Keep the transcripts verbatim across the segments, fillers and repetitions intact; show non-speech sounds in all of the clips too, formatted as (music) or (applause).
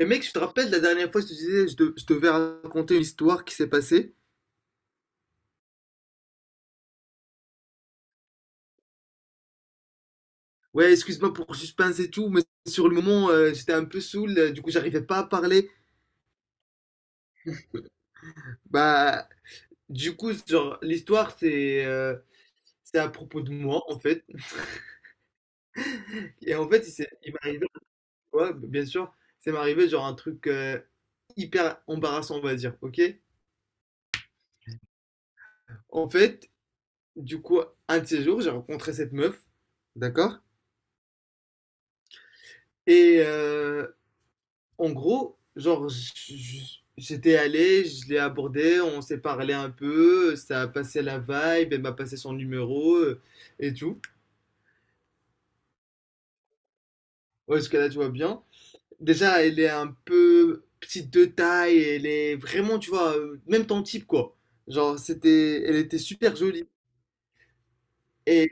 Mais mec, je te rappelle la dernière fois, je te disais, je, de- je devais raconter une histoire qui s'est passée. Ouais, excuse-moi pour le suspense et tout, mais sur le moment, euh, j'étais un peu saoul, euh, du coup, j'arrivais pas à parler. Bah, du coup, genre, l'histoire, c'est euh, c'est à propos de moi, en fait. Et en fait, il s'est- il m'est arrivé, ouais, bien sûr, c'est m'arrivé, genre, un truc euh, hyper embarrassant, on va dire, ok? En fait, du coup, un de ces jours, j'ai rencontré cette meuf, d'accord? Et, euh, En gros, genre, j- j- j'étais allé, je l'ai abordé, on s'est parlé un peu, ça a passé la vibe, elle m'a passé son numéro euh, et tout. Ouais, jusqu'à là, tu vois bien. Déjà, elle est un peu petite de taille, elle est vraiment, tu vois, euh, même ton type, quoi. Genre, c'était, elle était super jolie. Et,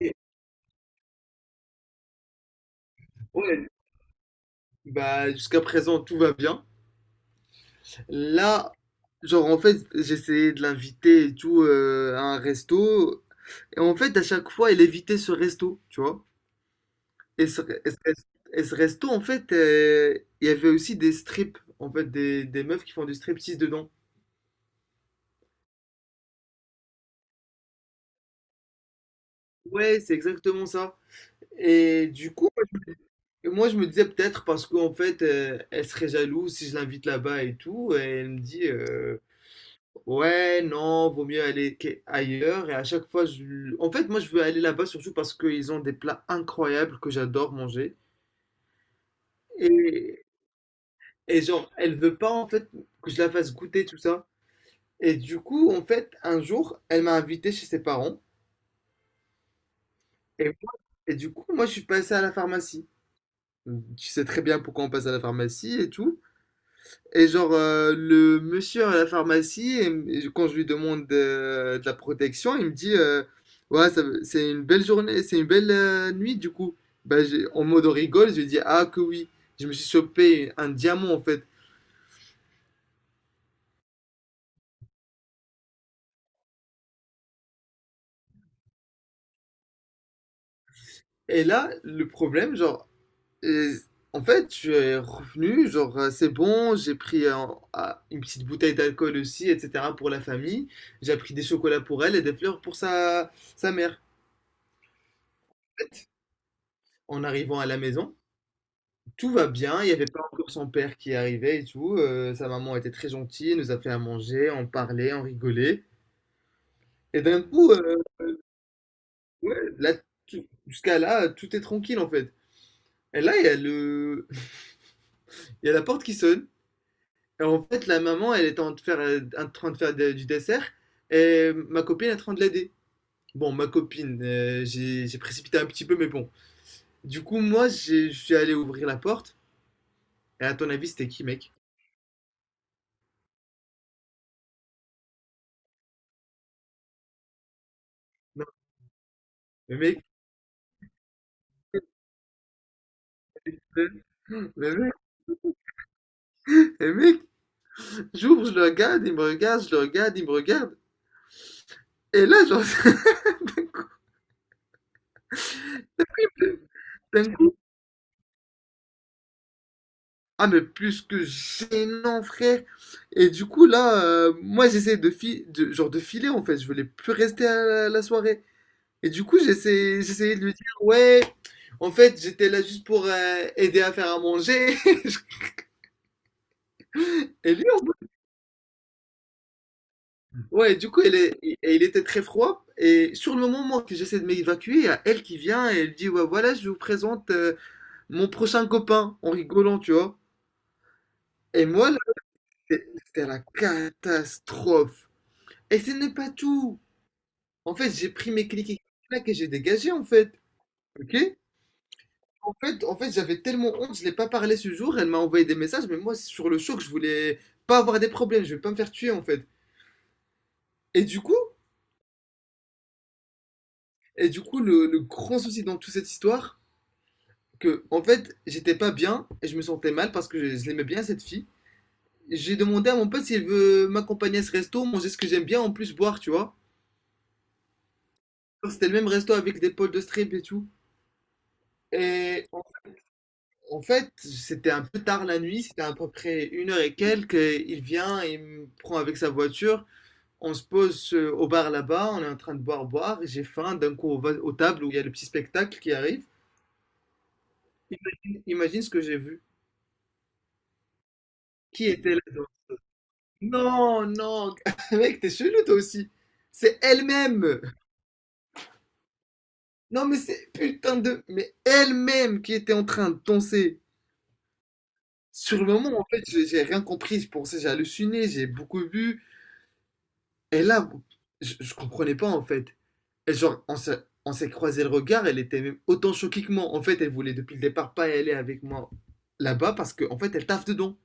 et- ouais, bah, jusqu'à présent, tout va bien. Là, genre, en fait, j'essayais de l'inviter et tout euh, à un resto. Et en fait, à chaque fois, elle évitait ce resto, tu vois. Et ce, et ce res- et ce resto, en fait, euh, il y avait aussi des strips, en fait, des, des meufs qui font du striptease dedans. Ouais, c'est exactement ça. Et du coup, moi, je me disais peut-être parce qu'en fait, euh, elle serait jalouse si je l'invite là-bas et tout. Et elle me dit, euh, ouais, non, vaut mieux aller qu'a- ailleurs. Et à chaque fois, je... en fait, moi, je veux aller là-bas surtout parce qu'ils ont des plats incroyables que j'adore manger. Et, Et genre, elle veut pas en fait que je la fasse goûter tout ça. Et du coup, en fait, un jour, elle m'a invité chez ses parents. Et, moi- et du coup, moi, je suis passé à la pharmacie. Tu sais très bien pourquoi on passe à la pharmacie et tout. Et genre, euh, le monsieur à la pharmacie, et- et quand je lui demande euh, de, la protection, il me dit euh, Ouais, ça- c'est une belle journée, c'est une belle euh, nuit du coup. Bah, j'ai- en mode rigole, je lui dis: Ah, que oui. Je me suis chopé un diamant en fait. Et là, le problème, genre, et en fait, je suis revenu, genre, euh, c'est bon, j'ai pris euh, ah, une petite bouteille d'alcool aussi, et cetera, pour la famille. J'ai pris des chocolats pour elle et des fleurs pour sa, sa mère. En arrivant à la maison, tout va bien, il n'y avait pas encore son père qui arrivait et tout. euh, sa maman était très gentille, elle nous a fait à manger, on parlait, on rigolait. Et d'un coup, euh, ouais, là, tout- jusqu'à là, tout est tranquille en fait. Et là, il y a le... il y a la porte qui sonne. Alors, en fait, la maman, elle était en train de faire, euh, en train de faire de- du dessert et ma copine est en train de l'aider. Bon, ma copine, euh, j'ai j'ai précipité un petit peu, mais bon. Du coup, moi, j'ai- je suis allé ouvrir la porte. Et à ton avis, c'était qui, mec? Non, le mec, le, le mec, le mec, j'ouvre, je le regarde, il me regarde, je le regarde, il me regarde. Et là, genre, (laughs) d'un coup, ah, mais plus que gênant, frère. Et du coup, là, euh, moi, j'essayais de, fi- de- genre, de filer, en fait. Je voulais plus rester à la, la soirée. Et du coup, j'essayais j'essayais de lui dire: «Ouais, en fait, j'étais là juste pour, heu, aider à faire à manger». (laughs) Et lui, en ouais, du coup, elle est il il était très froid et sur le moment que j'essaie de m'évacuer, il y a elle qui vient et elle dit: «Ouais, voilà, je vous présente, heu, mon prochain copain», en rigolant, tu vois? Et moi, là, c'est c'était la catastrophe et ce n'est pas tout. En fait, j'ai pris mes clics et clacs et j'ai dégagé, en fait, OK? En fait, en fait, j'avais tellement honte, je l'ai pas parlé ce jour. Elle m'a envoyé des messages, mais moi, sur le choc, je voulais pas avoir des problèmes, je vais pas me faire tuer en fait. Et du coup, et du coup, le, le grand souci dans toute cette histoire, que en fait, j'étais pas bien et je me sentais mal parce que je, je l'aimais bien cette fille. J'ai demandé à mon pote s'il veut m'accompagner à ce resto, manger ce que j'aime bien, en plus boire, tu vois. C'était le même resto avec des potes de strip et tout. Et en, en fait, c'était un peu tard la nuit, c'était à peu près une heure et quelques. Et il vient, il me prend avec sa voiture. On se pose euh, au bar là-bas, on est en train de boire, boire, et j'ai faim. D'un coup, on va aux tables où il y a le petit spectacle qui arrive. Imagine, imagine ce que j'ai vu. Qui était là dedans? Non, non, (laughs) mec, t'es chelou toi aussi. C'est elle-même. Non, mais c'est putain de. Mais elle-même qui était en train de danser. Sur le moment, en fait, j'ai j'ai rien compris. Je pensais, j'ai halluciné, j'ai beaucoup bu. Et là, je, je comprenais pas en fait. Et genre, on s'est, on s'est croisé le regard, elle était même autant choquée que moi. En fait, elle voulait depuis le départ pas aller avec moi là-bas parce qu'en fait, elle taffe dedans.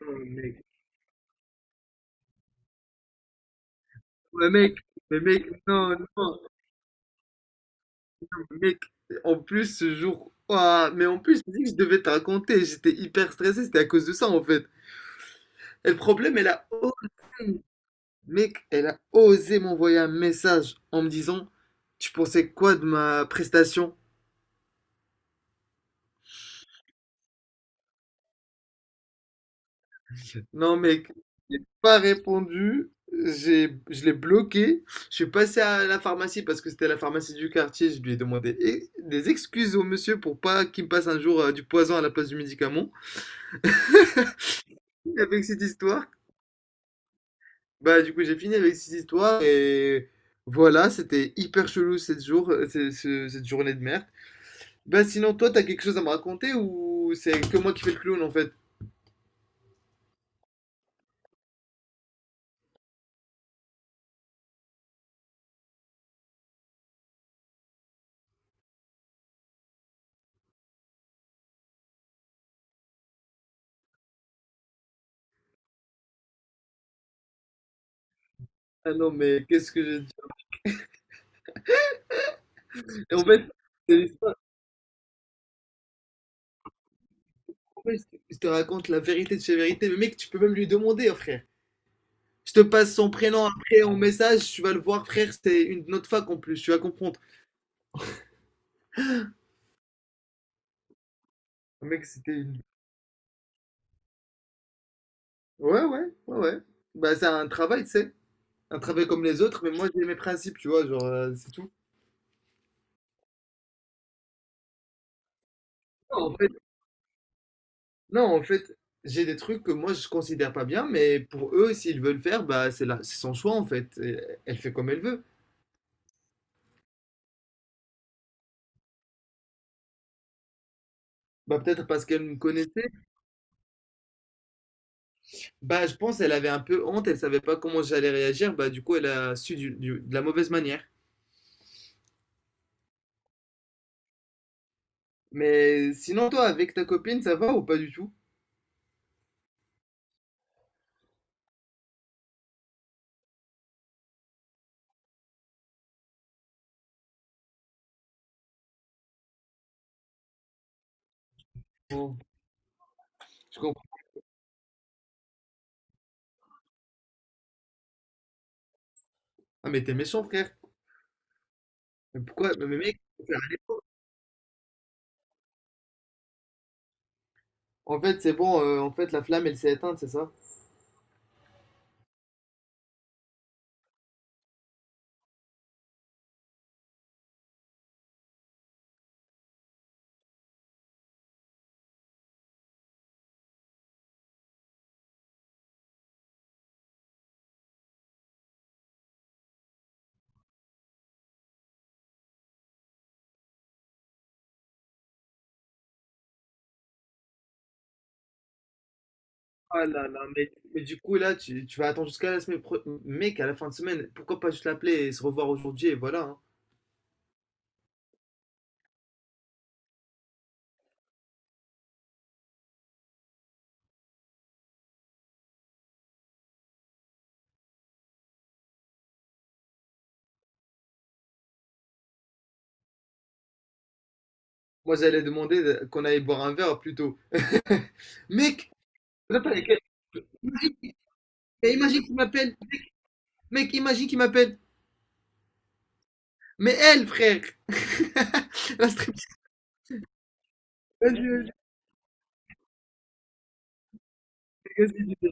Oh, mec. Mais mec, mais mec, non, non, mec, en plus ce jour, ouah, mais en plus, je dis que je devais te raconter, j'étais hyper stressé, c'était à cause de ça en fait. Et le problème, elle a osé, mec, elle a osé m'envoyer un message en me disant, tu pensais quoi de ma prestation? Non, mec, j'ai pas répondu. J'ai, je l'ai bloqué. Je suis passé à la pharmacie parce que c'était la pharmacie du quartier. Je lui ai demandé eh, des excuses au monsieur pour pas qu'il me passe un jour euh, du poison à la place du médicament. Avec cette histoire, bah du coup j'ai fini avec cette histoire et voilà, c'était hyper chelou cette jour, euh, ce- ce- cette journée de merde. Bah sinon toi t'as quelque chose à me raconter ou c'est que moi qui fais le clown en fait? Ah non mais qu'est-ce que je dis? En fait, c'est l'histoire. Ouais, je te je te raconte la vérité de chez vérité. Mais mec, tu peux même lui demander, hein, frère. Je te passe son prénom après en message, tu vas le voir, frère. C'était une de notre fac en plus, tu vas comprendre. Mec, c'était une. Ouais, ouais, ouais, ouais. Bah, c'est un travail, tu sais. Un travail comme les autres, mais moi, j'ai mes principes, tu vois, genre, euh, c'est tout. Non, en fait, non, en fait, j'ai des trucs que moi, je considère pas bien, mais pour eux, s'ils veulent faire, bah, c'est la... c'est son choix, en fait. Et elle fait comme elle veut. Bah, peut-être parce qu'elle me connaissait. Bah, je pense elle avait un peu honte, elle savait pas comment j'allais réagir, bah du coup elle a su du- du- de la mauvaise manière. Mais sinon toi avec ta copine ça va ou pas du tout? Bon, je comprends. Ah mais t'es méchant frère. Mais pourquoi? Mais mec, en fait c'est bon, euh, en fait la flamme elle s'est éteinte, c'est ça? Ah là là, mais, mais du coup là tu, tu vas attendre jusqu'à la semaine pro- mec, à la fin de semaine, pourquoi pas juste l'appeler et se revoir aujourd'hui et voilà, hein. Moi j'allais demander de- qu'on aille boire un verre plutôt. (laughs) Mec, t'appelles avec elle. Imagine, imagine qu'il m'appelle. Mec, imagine qu'il m'appelle. Mais elle, frère. (laughs) La stripteaseuse du magazine.